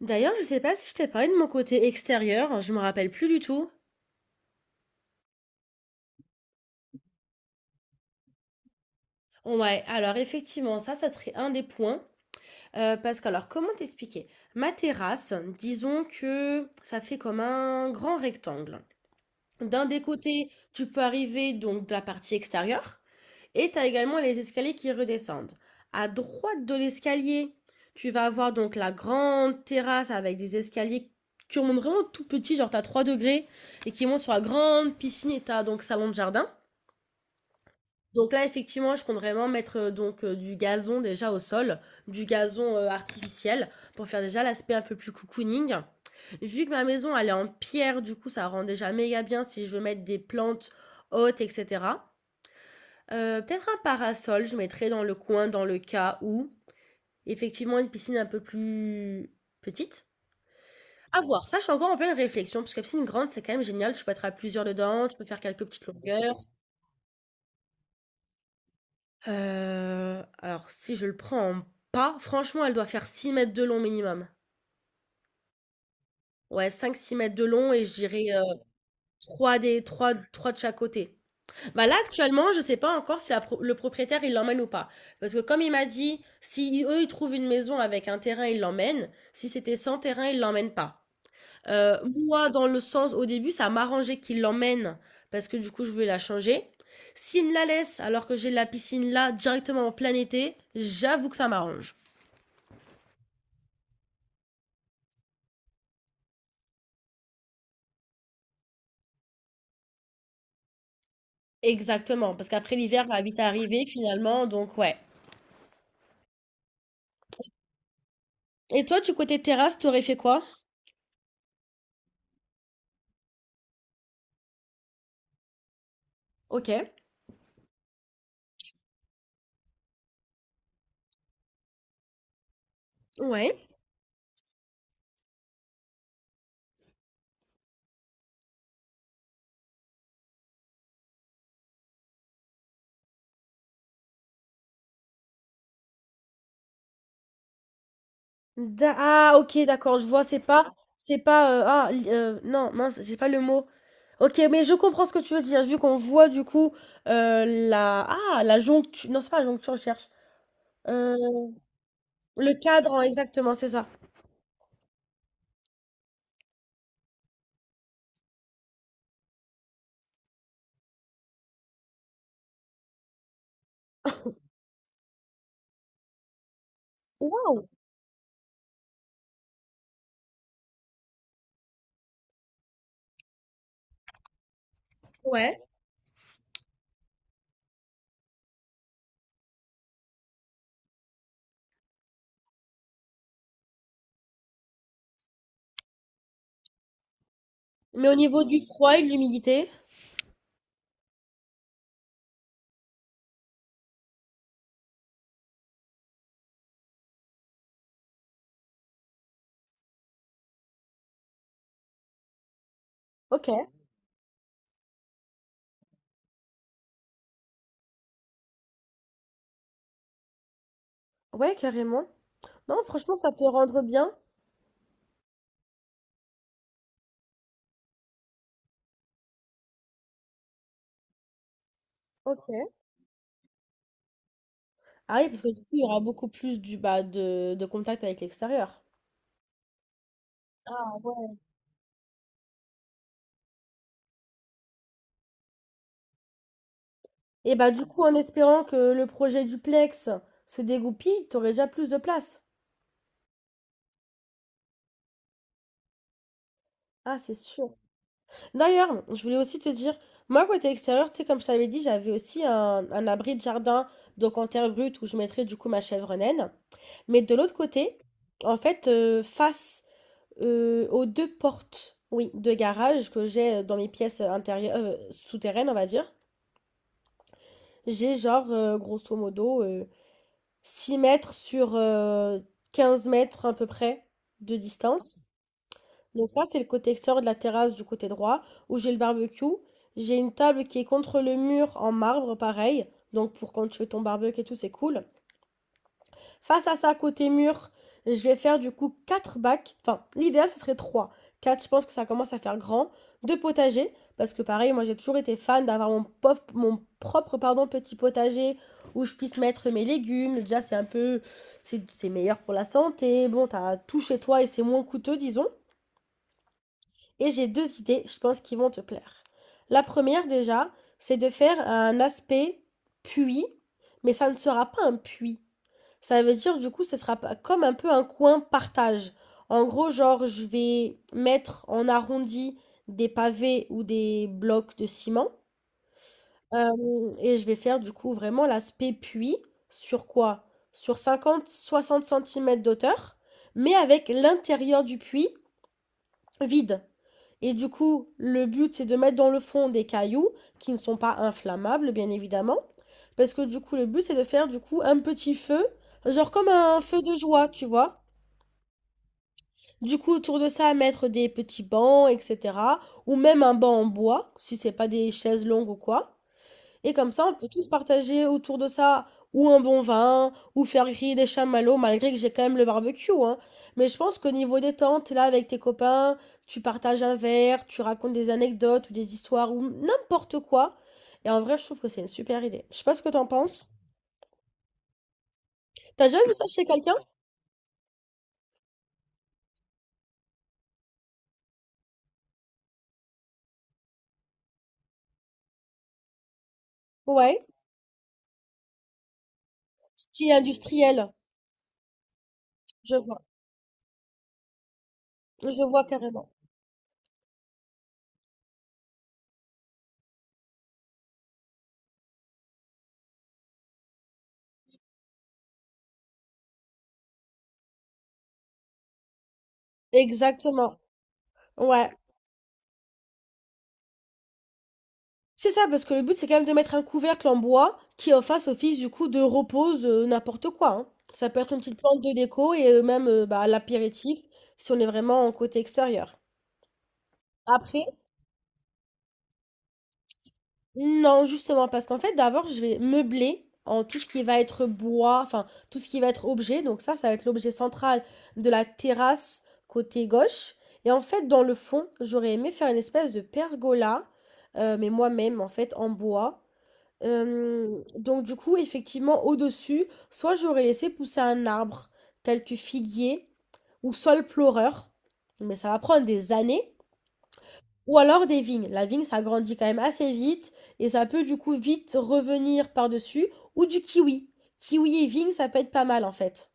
D'ailleurs, je sais pas si je t'ai parlé de mon côté extérieur, je me rappelle plus du tout. Ouais, alors effectivement, ça serait un des points. Parce que, alors, comment t'expliquer? Ma terrasse, disons que ça fait comme un grand rectangle. D'un des côtés, tu peux arriver donc de la partie extérieure et tu as également les escaliers qui redescendent. À droite de l'escalier, tu vas avoir donc la grande terrasse avec des escaliers qui montent vraiment tout petits, genre tu as 3 degrés et qui montent sur la grande piscine et tu as donc salon de jardin. Donc là, effectivement, je compte vraiment mettre donc du gazon déjà au sol, du gazon artificiel pour faire déjà l'aspect un peu plus cocooning. Vu que ma maison elle est en pierre, du coup, ça rend déjà méga bien si je veux mettre des plantes hautes, etc. Peut-être un parasol, je mettrai dans le coin dans le cas où effectivement une piscine un peu plus petite. À voir, ça je suis encore en pleine réflexion parce que la piscine grande c'est quand même génial, tu peux être à plusieurs dedans, tu peux faire quelques petites longueurs. Alors si je le prends en pas, franchement, elle doit faire 6 mètres de long minimum. Ouais, cinq six mètres de long et je dirais, 3 des 3 3 de chaque côté. Bah, là, actuellement, je sais pas encore si la pro le propriétaire, il l'emmène ou pas. Parce que comme il m'a dit, si eux, ils trouvent une maison avec un terrain, ils l'emmènent. Si c'était sans terrain, ils l'emmènent pas. Heu, Moi, dans le sens, au début, ça m'arrangeait qu'ils l'emmènent parce que, du coup, je voulais la changer. S'ils me la laissent alors que j'ai la piscine là, directement en plein été, j'avoue que ça m'arrange. Exactement, parce qu'après l'hiver va vite arriver finalement, donc ouais. Et toi, du côté terrasse, tu aurais fait quoi? Ok. Ouais. Ah, ok, d'accord, je vois, c'est pas, ah, non, mince, j'ai pas le mot. Ok, mais je comprends ce que tu veux dire, vu qu'on voit du coup la joncture, non, c'est pas la joncture, je cherche. Euh, le cadre, exactement, c'est ça. Waouh! Ouais. Mais au niveau du froid et de l'humidité? Ok. Ouais, carrément. Non, franchement, ça peut rendre bien. Ok. Ah oui, parce que du coup, il y aura beaucoup plus bah, de contact avec l'extérieur. Ah ouais. Et bah du coup, en espérant que le projet duplex se dégoupille, t'aurais déjà plus de place. Ah, c'est sûr. D'ailleurs, je voulais aussi te dire, moi, côté extérieur, tu sais, comme je t'avais dit, j'avais aussi un abri de jardin, donc en terre brute, où je mettrais du coup ma chèvre naine. Mais de l'autre côté, en fait, face aux deux portes, oui, de garage que j'ai dans mes pièces intérieures, souterraines, on va dire, j'ai genre, grosso modo, 6 mètres sur 15 mètres à peu près de distance. Donc ça, c'est le côté extérieur de la terrasse du côté droit, où j'ai le barbecue. J'ai une table qui est contre le mur en marbre, pareil. Donc pour quand tu fais ton barbecue et tout, c'est cool. Face à ça, côté mur, je vais faire du coup 4 bacs. Enfin, l'idéal, ce serait 3, 4. Je pense que ça commence à faire grand. Deux potagers, parce que pareil, moi j'ai toujours été fan d'avoir mon propre pardon, petit potager où je puisse mettre mes légumes. Déjà, c'est un peu. C'est meilleur pour la santé. Bon, t'as tout chez toi et c'est moins coûteux, disons. Et j'ai deux idées, je pense, qui vont te plaire. La première, déjà, c'est de faire un aspect puits, mais ça ne sera pas un puits. Ça veut dire, du coup, ce sera pas- comme un peu un coin partage. En gros, genre, je vais mettre en arrondi des pavés ou des blocs de ciment. Et je vais faire, du coup, vraiment l'aspect puits. Sur quoi? Sur 50-60 centimètres d'hauteur, mais avec l'intérieur du puits vide. Et du coup, le but, c'est de mettre dans le fond des cailloux qui ne sont pas inflammables, bien évidemment. Parce que du coup, le but, c'est de faire du coup un petit feu, genre comme un feu de joie, tu vois. Du coup, autour de ça, mettre des petits bancs, etc. Ou même un banc en bois, si c'est pas des chaises longues ou quoi. Et comme ça, on peut tous partager autour de ça ou un bon vin, ou faire griller des chamallows, malgré que j'ai quand même le barbecue, hein. Mais je pense qu'au niveau des tentes, t'es là avec tes copains, tu partages un verre, tu racontes des anecdotes ou des histoires ou n'importe quoi. Et en vrai, je trouve que c'est une super idée. Je sais pas ce que t'en penses. T'as déjà vu ça chez quelqu'un? Ouais. Style industriel. Je vois. Je vois carrément. Exactement. Ouais. C'est ça, parce que le but, c'est quand même de mettre un couvercle en bois qui en fasse office du coup de repose, n'importe quoi, hein. Ça peut être une petite plante de déco et même, bah, l'apéritif si on est vraiment en côté extérieur. Après non, justement, parce qu'en fait, d'abord, je vais meubler en tout ce qui va être bois, enfin, tout ce qui va être objet, donc ça va être l'objet central de la terrasse côté gauche et en fait, dans le fond, j'aurais aimé faire une espèce de pergola, mais moi-même, en fait, en bois. Donc du coup, effectivement, au-dessus, soit j'aurais laissé pousser un arbre, tel que figuier ou saule pleureur, mais ça va prendre des années, ou alors des vignes. La vigne, ça grandit quand même assez vite et ça peut du coup vite revenir par-dessus, ou du kiwi. Kiwi et vigne, ça peut être pas mal en fait.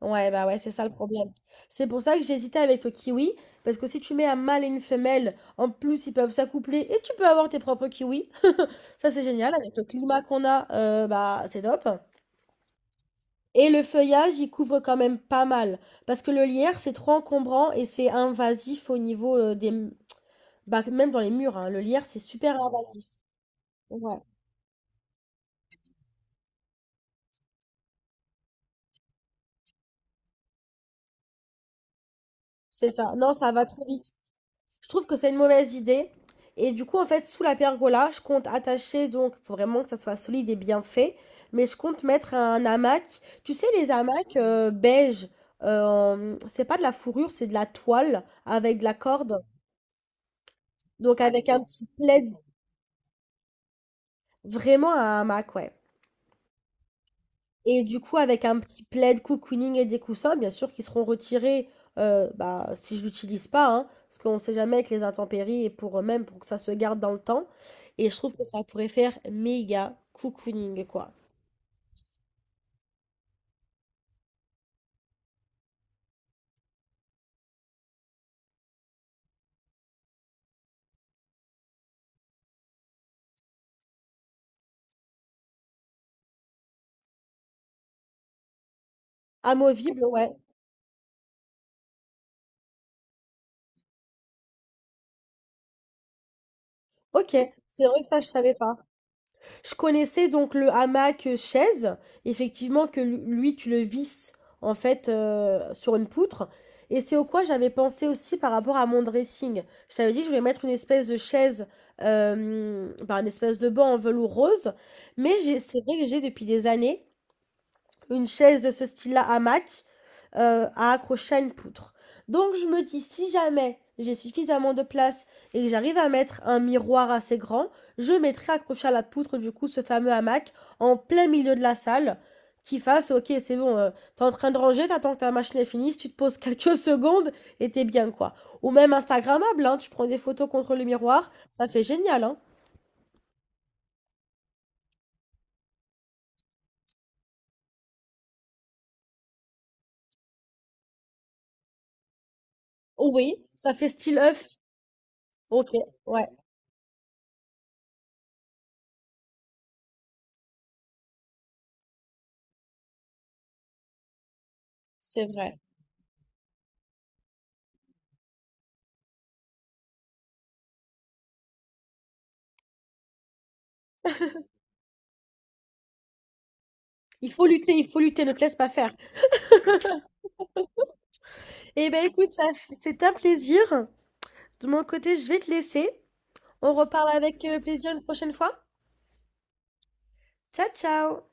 Ouais, bah ouais, c'est ça le problème. C'est pour ça que j'hésitais avec le kiwi, parce que si tu mets un mâle et une femelle, en plus ils peuvent s'accoupler et tu peux avoir tes propres kiwis. Ça c'est génial, avec le climat qu'on a, bah c'est top. Et le feuillage, il couvre quand même pas mal, parce que le lierre, c'est trop encombrant et c'est invasif au niveau des... Bah, même dans les murs, hein, le lierre, c'est super invasif. Ouais, c'est ça. Non, ça va trop vite. Je trouve que c'est une mauvaise idée. Et du coup, en fait, sous la pergola, je compte attacher, donc, il faut vraiment que ça soit solide et bien fait. Mais je compte mettre un hamac. Tu sais, les hamacs beige, c'est pas de la fourrure, c'est de la toile avec de la corde. Donc, avec un petit plaid, vraiment un hamac, ouais. Et du coup, avec un petit plaid, cocooning et des coussins, bien sûr, qui seront retirés bah, si je l'utilise pas, hein, parce qu'on ne sait jamais avec les intempéries et pour eux même pour que ça se garde dans le temps. Et je trouve que ça pourrait faire méga cocooning, quoi. Amovible, ouais. Ok, c'est vrai que ça, je savais pas. Je connaissais donc le hamac chaise, effectivement que lui tu le visses en fait sur une poutre. Et c'est au quoi j'avais pensé aussi par rapport à mon dressing. Je t'avais dit que je voulais mettre une espèce de chaise, bah, une espèce de banc en velours rose. C'est vrai que j'ai depuis des années une chaise de ce style-là, hamac, à accrocher à une poutre. Donc je me dis, si jamais j'ai suffisamment de place et que j'arrive à mettre un miroir assez grand, je mettrai accroché à la poutre, du coup, ce fameux hamac en plein milieu de la salle qui fasse, ok, c'est bon, t'es en train de ranger, t'attends que ta machine est finie, si tu te poses quelques secondes et t'es bien, quoi. Ou même Instagrammable, hein, tu prends des photos contre le miroir, ça fait génial, hein. Oh oui, ça fait style œuf. Ok, ouais, c'est vrai. Il faut lutter, ne te laisse pas faire. Eh ben écoute, ça, c'est un plaisir. De mon côté, je vais te laisser. On reparle avec plaisir une prochaine fois. Ciao, ciao!